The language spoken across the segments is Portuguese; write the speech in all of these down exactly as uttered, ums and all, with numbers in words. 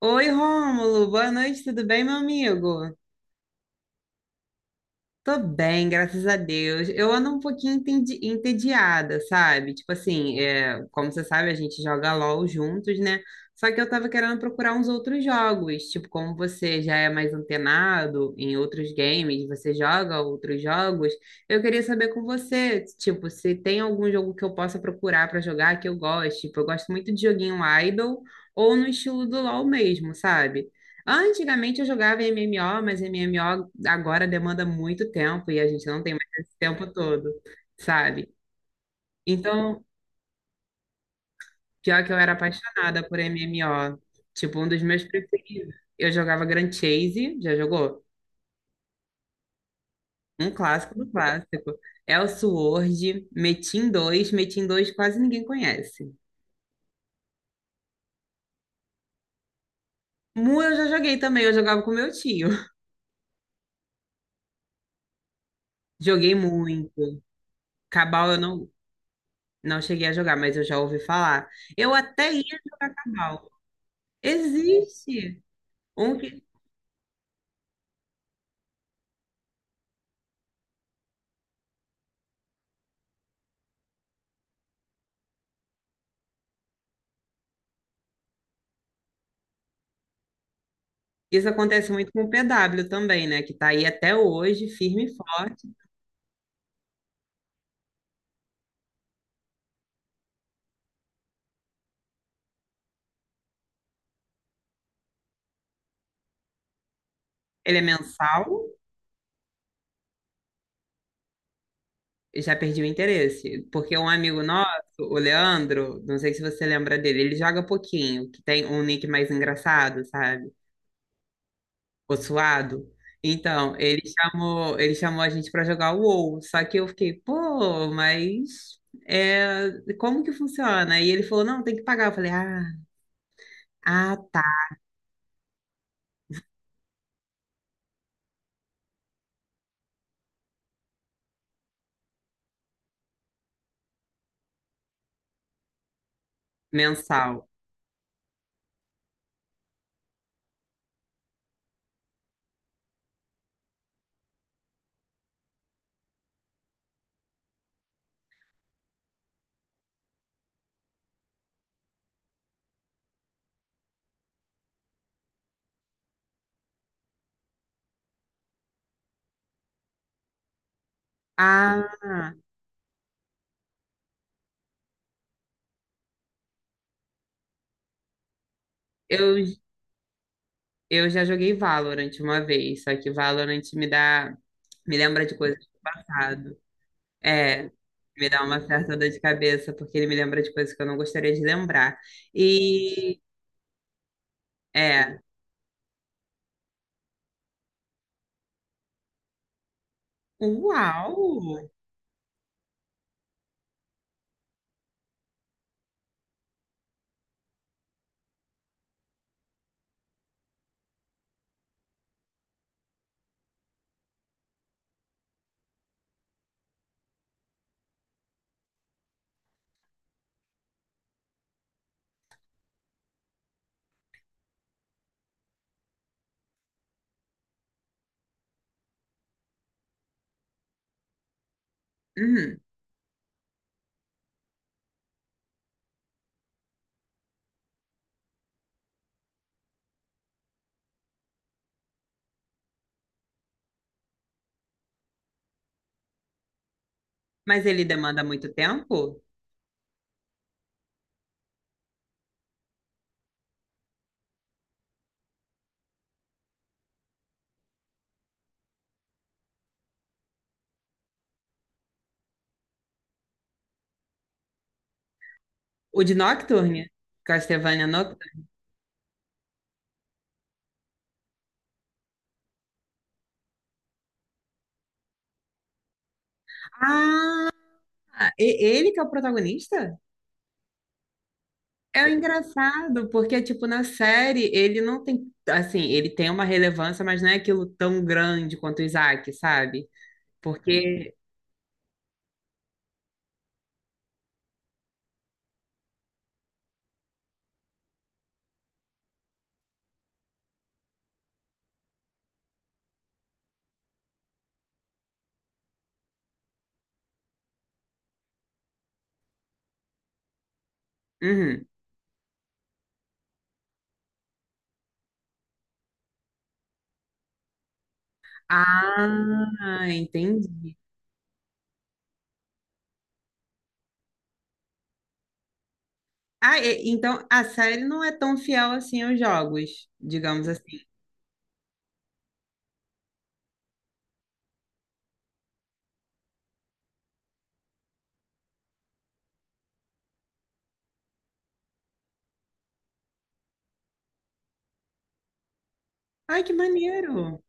Oi, Rômulo, boa noite, tudo bem, meu amigo? Tô bem, graças a Deus. Eu ando um pouquinho entendi- entediada, sabe? Tipo assim, é, como você sabe, a gente joga LOL juntos, né? Só que eu tava querendo procurar uns outros jogos. Tipo, como você já é mais antenado em outros games, você joga outros jogos, eu queria saber com você, tipo, se tem algum jogo que eu possa procurar pra jogar que eu goste. Tipo, eu gosto muito de joguinho idle ou no estilo do LOL mesmo, sabe? Antigamente eu jogava M M O, mas M M O agora demanda muito tempo e a gente não tem mais esse tempo todo, sabe? Então, pior que eu era apaixonada por M M O. Tipo, um dos meus preferidos. Eu jogava Grand Chase, já jogou? Um clássico do clássico. Elsword, Metin dois, Metin dois quase ninguém conhece. Mu eu já joguei também, eu jogava com meu tio. Joguei muito. Cabal eu não, não cheguei a jogar, mas eu já ouvi falar. Eu até ia jogar Cabal. Existe um que isso acontece muito com o P W também, né? Que tá aí até hoje, firme e forte. Ele é mensal, eu já perdi o interesse, porque um amigo nosso, o Leandro, não sei se você lembra dele, ele joga pouquinho, que tem um nick mais engraçado, sabe? O suado. Então, ele chamou, ele chamou a gente pra jogar o WoW, só que eu fiquei, pô, mas é, como que funciona? E ele falou, não, tem que pagar. Eu falei, ah, ah, tá, mensal. Ah, Eu, eu já joguei Valorant uma vez, só que Valorant me dá, me lembra de coisas erradas. É, me dá uma certa dor de cabeça, porque ele me lembra de coisas que eu não gostaria de lembrar. E é, uau! Uhum. Mas ele demanda muito tempo? O de Nocturne? Castlevania Nocturne? Ah, e- ele que é o protagonista? É engraçado, porque, tipo, na série ele não tem, assim, ele tem uma relevância, mas não é aquilo tão grande quanto o Isaac, sabe? Porque. Uhum. Ah, entendi. Ah, e- então a série não é tão fiel assim aos jogos, digamos assim. Ai, que maneiro!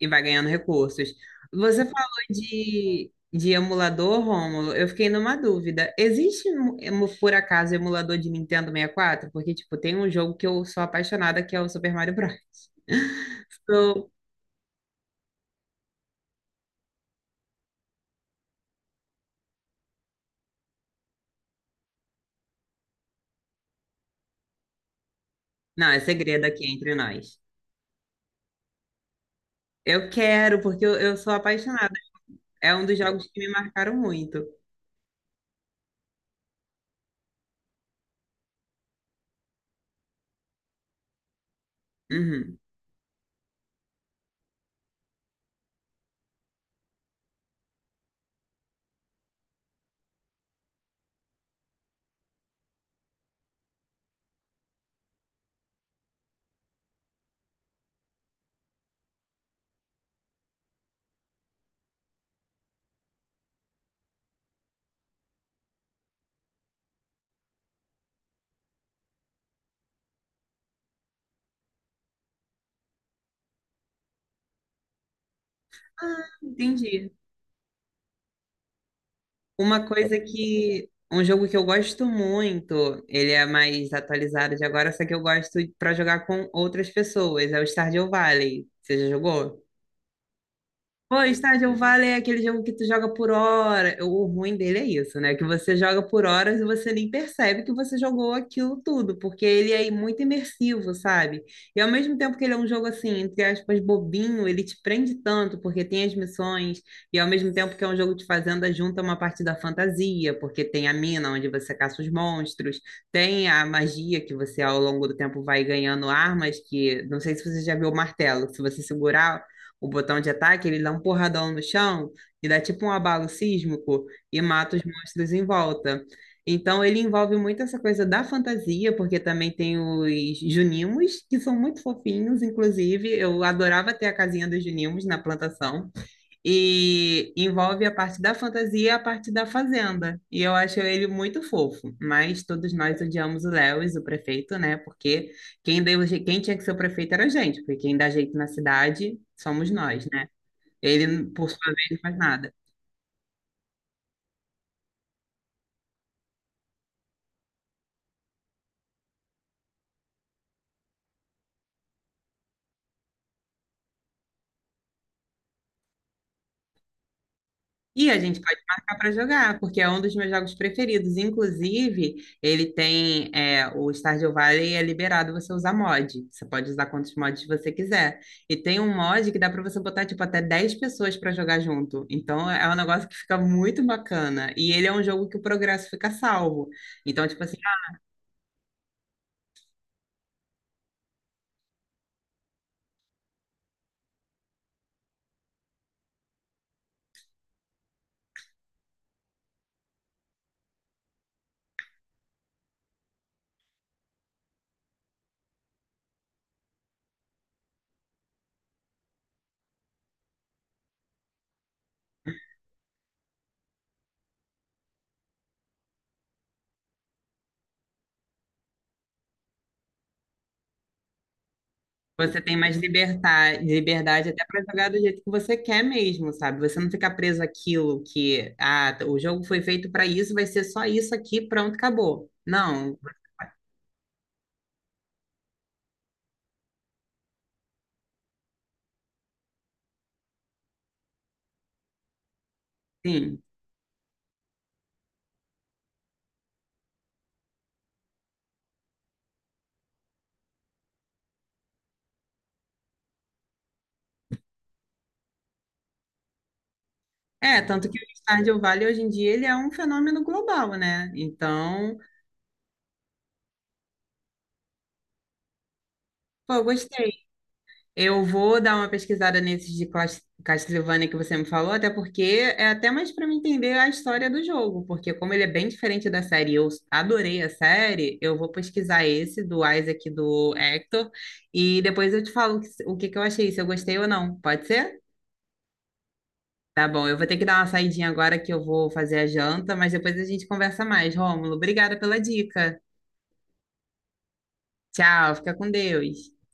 E vai ganhando recursos. Você falou de, de emulador, Rômulo. Eu fiquei numa dúvida. Existe, um emu- por acaso, emulador de Nintendo sessenta e quatro? Porque, tipo, tem um jogo que eu sou apaixonada, que é o Super Mario Bros. Sou- Não, é segredo aqui entre nós. Eu quero, porque eu, eu sou apaixonada. É um dos jogos que me marcaram muito. Uhum. Ah, entendi. Uma coisa que. Um jogo que eu gosto muito, ele é mais atualizado de agora, só que eu gosto pra jogar com outras pessoas, é o Stardew Valley. Você já jogou? Pô, Stardew Valley é aquele jogo que tu joga por hora. O ruim dele é isso, né? Que você joga por horas e você nem percebe que você jogou aquilo tudo, porque ele é muito imersivo, sabe? E ao mesmo tempo que ele é um jogo assim, entre aspas, bobinho, ele te prende tanto, porque tem as missões, e ao mesmo tempo que é um jogo de fazenda, junta uma parte da fantasia, porque tem a mina onde você caça os monstros, tem a magia que você ao longo do tempo vai ganhando armas, que não sei se você já viu o martelo, que se você segurar o botão de ataque, ele dá um porradão no chão e dá tipo um abalo sísmico e mata os monstros em volta. Então ele envolve muito essa coisa da fantasia, porque também tem os Junimos, que são muito fofinhos, inclusive. Eu adorava ter a casinha dos Junimos na plantação. E envolve a parte da fantasia e a parte da fazenda. E eu acho ele muito fofo. Mas todos nós odiamos o Lewis, o prefeito, né? Porque quem deu, je- quem tinha que ser o prefeito era a gente, porque quem dá jeito na cidade somos nós, né? Ele, por sua vez, não faz nada. E a gente pode marcar para jogar, porque é um dos meus jogos preferidos. Inclusive, ele tem é, o Stardew Valley é liberado você usar mod. Você pode usar quantos mods você quiser. E tem um mod que dá para você botar tipo até dez pessoas para jogar junto. Então é um negócio que fica muito bacana. E ele é um jogo que o progresso fica salvo. Então, tipo assim, você tem mais liberdade, liberdade até para jogar do jeito que você quer mesmo, sabe? Você não fica preso àquilo que, ah, tá, o jogo foi feito para isso, vai ser só isso aqui, pronto, acabou. Não, sim. É, tanto que o Stardew Valley hoje em dia ele é um fenômeno global, né? Então, pô, eu gostei. Eu vou dar uma pesquisada nesses de Clas- Castlevania que você me falou, até porque é até mais para me entender a história do jogo, porque como ele é bem diferente da série, e eu adorei a série, eu vou pesquisar esse do Isaac e do Hector e depois eu te falo o que o que que eu achei, se eu gostei ou não. Pode ser? Tá bom, eu vou ter que dar uma saidinha agora que eu vou fazer a janta, mas depois a gente conversa mais. Rômulo, obrigada pela dica. Tchau, fica com Deus.